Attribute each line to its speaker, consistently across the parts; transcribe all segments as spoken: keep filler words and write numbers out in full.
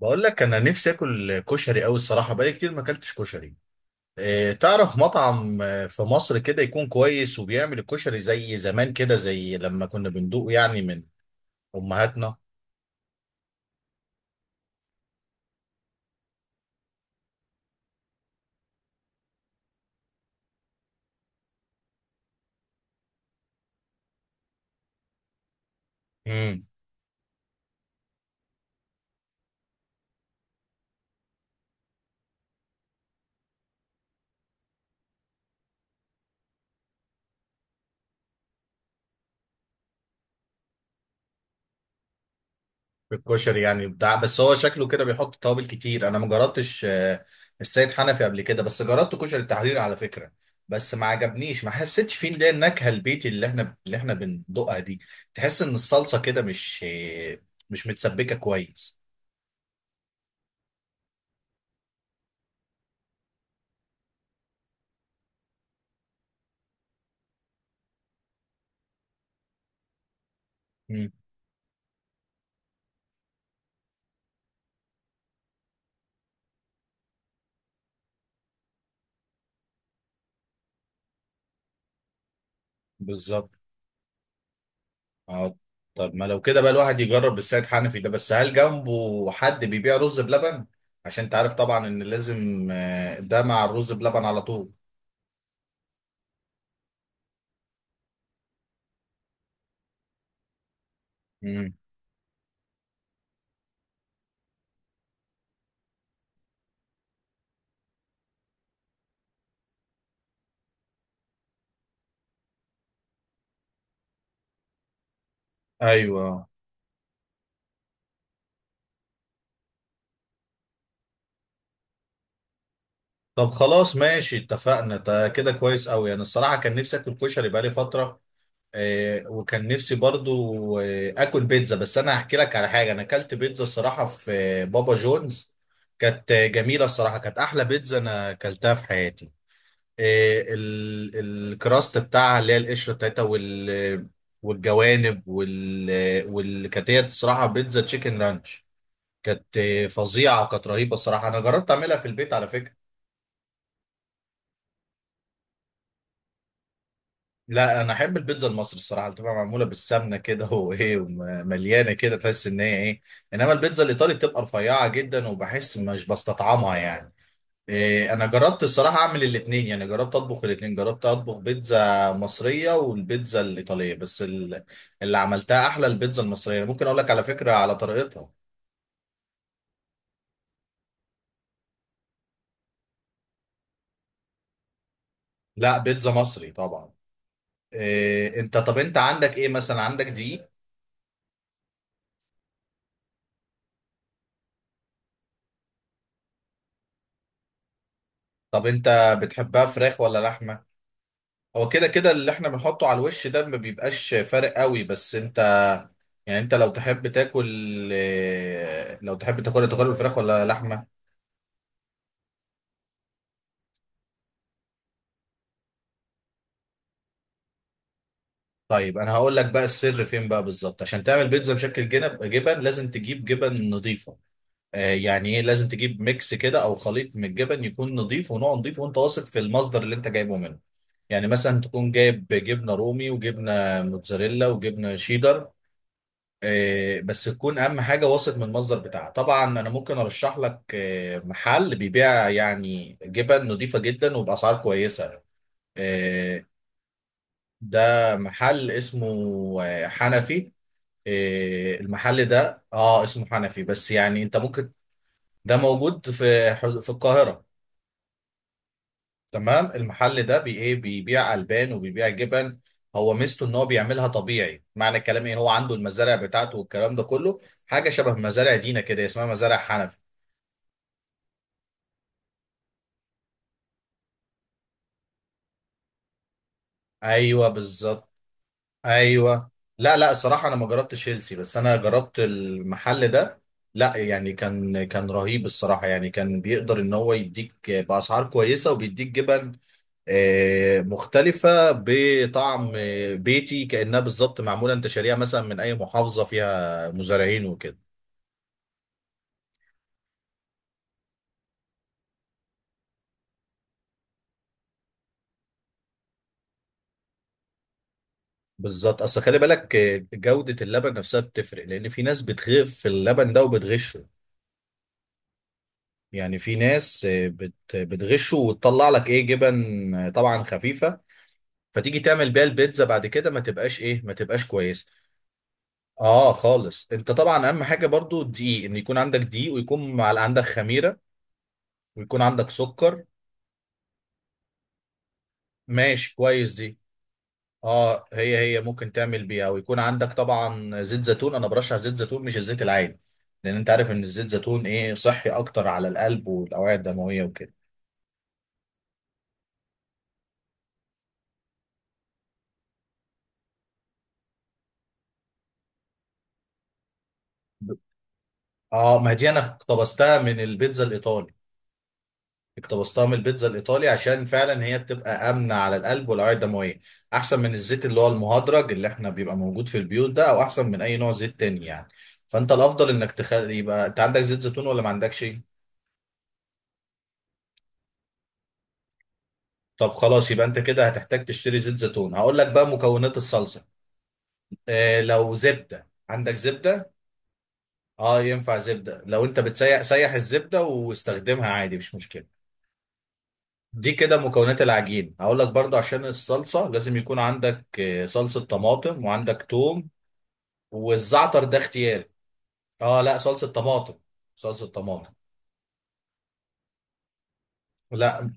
Speaker 1: بقول لك انا نفسي اكل كشري قوي الصراحه، بقالي كتير ما اكلتش كشري. إيه، تعرف مطعم آه، في مصر كده يكون كويس وبيعمل الكشري زي زمان كده، زي لما كنا بندوقه يعني من امهاتنا؟ امم. الكشري يعني بتاع، بس هو شكله كده بيحط توابل كتير. انا ما جربتش آه، السيد حنفي قبل كده، بس جربت كشري التحرير على فكره. بس ما عجبنيش، ما حسيتش فيه اللي هي النكهه البيتي اللي احنا اللي احنا بندوقها دي. تحس ان الصلصه كده مش آه، مش متسبكه كويس. امم. بالظبط. اه. طب ما لو كده بقى الواحد يجرب السيد حنفي ده، بس هل جنبه حد بيبيع رز بلبن؟ عشان انت عارف طبعا ان لازم آه، ده مع الرز بلبن على طول. امم. ايوه. طب خلاص، ماشي، اتفقنا، ده كده كويس قوي. انا الصراحه كان نفسي اكل كشري بقالي فتره، آه، وكان نفسي برضو آه، اكل بيتزا. بس انا هحكي لك على حاجه، انا اكلت بيتزا الصراحه في آه، بابا جونز. كانت آه، جميله الصراحه، كانت احلى بيتزا انا اكلتها في حياتي. آه، ال- الكراست بتاعها اللي هي القشره بتاعتها، وال والجوانب، وال والكاتيه، الصراحه بيتزا تشيكن رانش. كانت آه، فظيعه، كانت رهيبه الصراحه. انا جربت اعملها في البيت على فكره. لا، انا احب البيتزا المصري الصراحه، اللي بتبقى معموله بالسمنه كده وايه، ومليانه كده، تحس ان هي ايه. انما البيتزا الايطالي بتبقى رفيعه جدا، وبحس مش بستطعمها يعني. إيه، انا جربت الصراحه اعمل الاثنين، يعني جربت اطبخ الاثنين، جربت اطبخ بيتزا مصريه والبيتزا الايطاليه، بس ال- اللي عملتها احلى البيتزا المصريه. يعني ممكن اقول لك على فكره على طريقتها. لا، بيتزا مصري طبعا. إيه انت، طب انت عندك ايه مثلا، عندك دقيق؟ طب انت بتحبها فراخ ولا لحمه؟ هو كده كده اللي احنا بنحطه على الوش ده ما بيبقاش فارق قوي، بس انت يعني انت لو تحب تاكل، إيه، لو تحب تاكل تاكل الفراخ ولا لحمه؟ طيب انا هقول لك بقى السر فين بقى بالظبط. عشان تعمل بيتزا بشكل جنب جبن، لازم تجيب جبن نظيفه. آه يعني ايه، لازم تجيب ميكس كده او خليط من الجبن، يكون نظيف ونوع نظيف وانت واثق في المصدر اللي انت جايبه منه. يعني مثلا تكون جايب جبنه رومي وجبنه موتزاريلا وجبنه شيدر. آه بس تكون اهم حاجه واثق من المصدر بتاعها طبعا. انا ممكن ارشح لك آه محل بيبيع يعني جبن نظيفه جدا وباسعار كويسه. آه ده محل اسمه آه، حنفي. إيه، المحل ده اه اسمه حنفي، بس يعني انت ممكن، ده موجود في حد- في القاهرة. تمام، المحل ده بي ايه، بيبيع البان وبيبيع جبن. هو ميزته ان هو بيعملها طبيعي، معنى الكلام ايه، هو عنده المزارع بتاعته والكلام ده كله. حاجة شبه مزارع دينا كده، اسمها مزارع حنفي. ايوه بالظبط. ايوه. لا لا، الصراحة انا ما جربتش هيلسي، بس انا جربت المحل ده. لا يعني، كان كان رهيب الصراحة. يعني كان بيقدر ان هو يديك بأسعار كويسة، وبيديك جبن آه، مختلفة بطعم آه، بيتي، كأنها بالظبط معمولة انت شاريها مثلا من أي محافظة فيها مزارعين وكده. بالظبط، أصل خلي بالك آه، جودة اللبن نفسها بتفرق، لأن في ناس بتغف في اللبن ده وبتغشه. يعني في ناس آه، بت- بتغشه وتطلع لك إيه جبن آه، طبعا خفيفة، فتيجي تعمل بيها البيتزا بعد كده ما تبقاش إيه ما تبقاش كويسة. آه خالص. أنت طبعا أهم حاجة برضو الدقيق، إن يكون عندك دقيق، ويكون مع- عندك خميرة، ويكون عندك سكر. ماشي، كويس دي. اه هي، هي ممكن تعمل بيها، ويكون عندك طبعا زيت زيتون. انا برشح زيت زيتون مش الزيت العادي، لان انت عارف ان الزيت زيتون ايه صحي اكتر على القلب والاوعيه الدمويه وكده. اه، ما دي انا اقتبستها من البيتزا الايطالي، اقتبستها من البيتزا الايطالي عشان فعلا هي بتبقى امنه على القلب والاوعيه الدمويه، احسن من الزيت اللي هو المهدرج اللي احنا بيبقى موجود في البيوت ده، او احسن من اي نوع زيت تاني يعني. فانت الافضل انك تخلي، يبقى انت عندك زيت زيتون ولا ما عندكش؟ طب خلاص، يبقى انت كده هتحتاج تشتري زيت زيتون. هقول لك بقى مكونات الصلصه. اه، لو زبده، عندك زبده؟ اه، ينفع زبده. لو انت بتسيح، سيح الزبده واستخدمها عادي مش مشكله. دي كده مكونات العجين. هقول لك برضه عشان الصلصه لازم يكون عندك آه، صلصه طماطم، وعندك توم، والزعتر ده اختياري. اه لا، صلصه طماطم، صلصه طماطم. لا،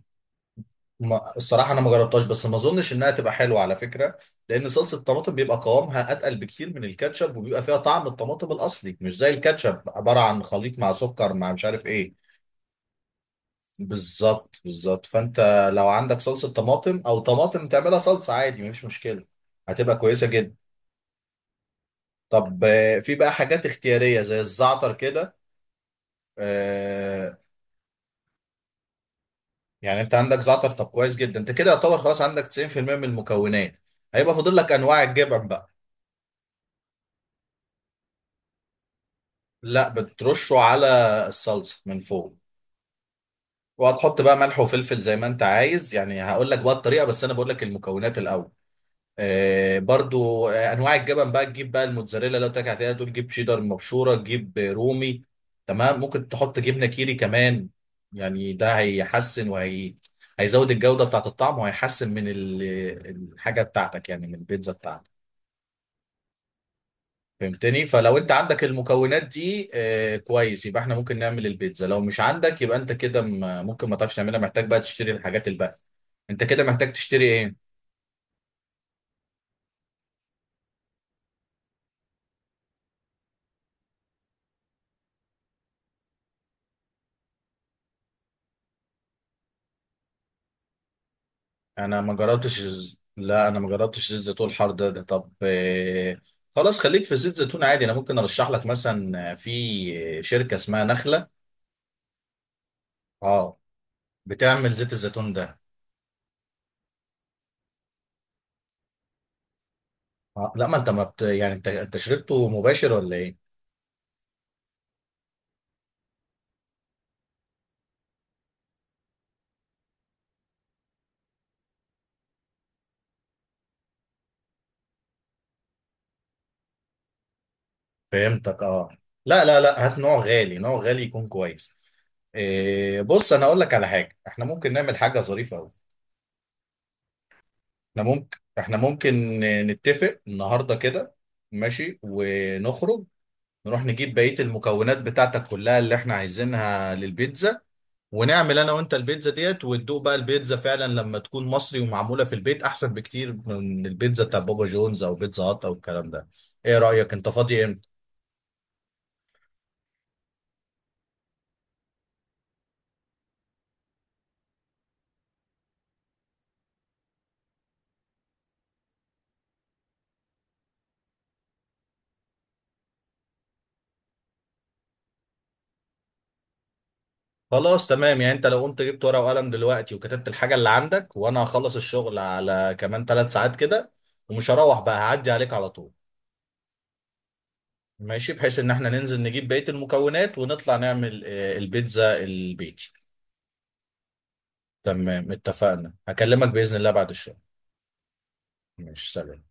Speaker 1: ما الصراحة أنا ما جربتهاش، بس ما أظنش إنها تبقى حلوة على فكرة، لأن صلصة الطماطم بيبقى قوامها أتقل بكتير من الكاتشب، وبيبقى فيها طعم الطماطم الأصلي، مش زي الكاتشب عبارة عن خليط مع سكر مع مش عارف إيه. بالظبط بالظبط، فأنت لو عندك صلصة طماطم أو طماطم تعملها صلصة عادي مفيش مشكلة، هتبقى كويسة جدا. طب آه، في بقى حاجات اختيارية زي الزعتر كده. آه، يعني أنت عندك زعتر، طب كويس جدا. أنت كده يعتبر خلاص عندك تسعين في المئة من المكونات، هيبقى فاضل لك أنواع الجبن. لا، بترشه على الصلصه من فوق. وهتحط بقى ملح وفلفل زي ما انت عايز. يعني هقول لك بقى الطريقه، بس انا بقول لك المكونات الاول. آه برضو، آه انواع الجبن بقى، تجيب بقى الموتزاريلا، لو تاكل عليها تقول جيب شيدر مبشوره، تجيب رومي، تمام. ممكن تحط جبنه كيري كمان، يعني ده هيحسن، وهي هيزود الجوده بتاعت الطعم، وهيحسن من ال- الحاجه بتاعتك يعني، من البيتزا بتاعتك. فهمتني؟ فلو انت عندك المكونات دي آه كويس، يبقى احنا ممكن نعمل البيتزا. لو مش عندك، يبقى انت كده م- ممكن ما تعرفش تعملها، محتاج بقى تشتري الحاجات الباقية. انت كده محتاج تشتري ايه؟ انا ما جربتش الز- لا، انا ما جربتش زيت زيتون الحار ده, ده طب آه، خلاص، خليك في زيت زيتون عادي. انا ممكن ارشح لك مثلا آه، في شركة اسمها نخلة. اه، بتعمل زيت الزيتون ده. آه. لا، ما انت ما بت... يعني انت انت شربته مباشر ولا ايه؟ فهمتك اه. لا لا لا، هات نوع غالي، نوع غالي يكون كويس. إيه، بص انا اقول لك على حاجه، احنا ممكن نعمل حاجه ظريفه قوي. احنا ممكن احنا ممكن نتفق النهارده كده، ماشي، ونخرج، نروح نجيب بقيه المكونات بتاعتك كلها اللي احنا عايزينها للبيتزا، ونعمل انا وانت البيتزا ديت، وتدوق بقى البيتزا فعلا لما تكون مصري ومعموله في البيت، احسن بكتير من البيتزا بتاع بابا جونز او بيتزا هات او الكلام ده. ايه رايك، انت فاضي امتى؟ خلاص، تمام. يعني انت لو قمت جبت ورقة وقلم دلوقتي، وكتبت الحاجة اللي عندك، وانا هخلص الشغل على كمان ثلاث ساعات كده، ومش هروح بقى، هعدي عليك على طول. ماشي، بحيث ان احنا ننزل نجيب بقية المكونات، ونطلع نعمل آه، البيتزا البيتي. تمام، اتفقنا، هكلمك بإذن الله بعد الشغل. ماشي، سلام.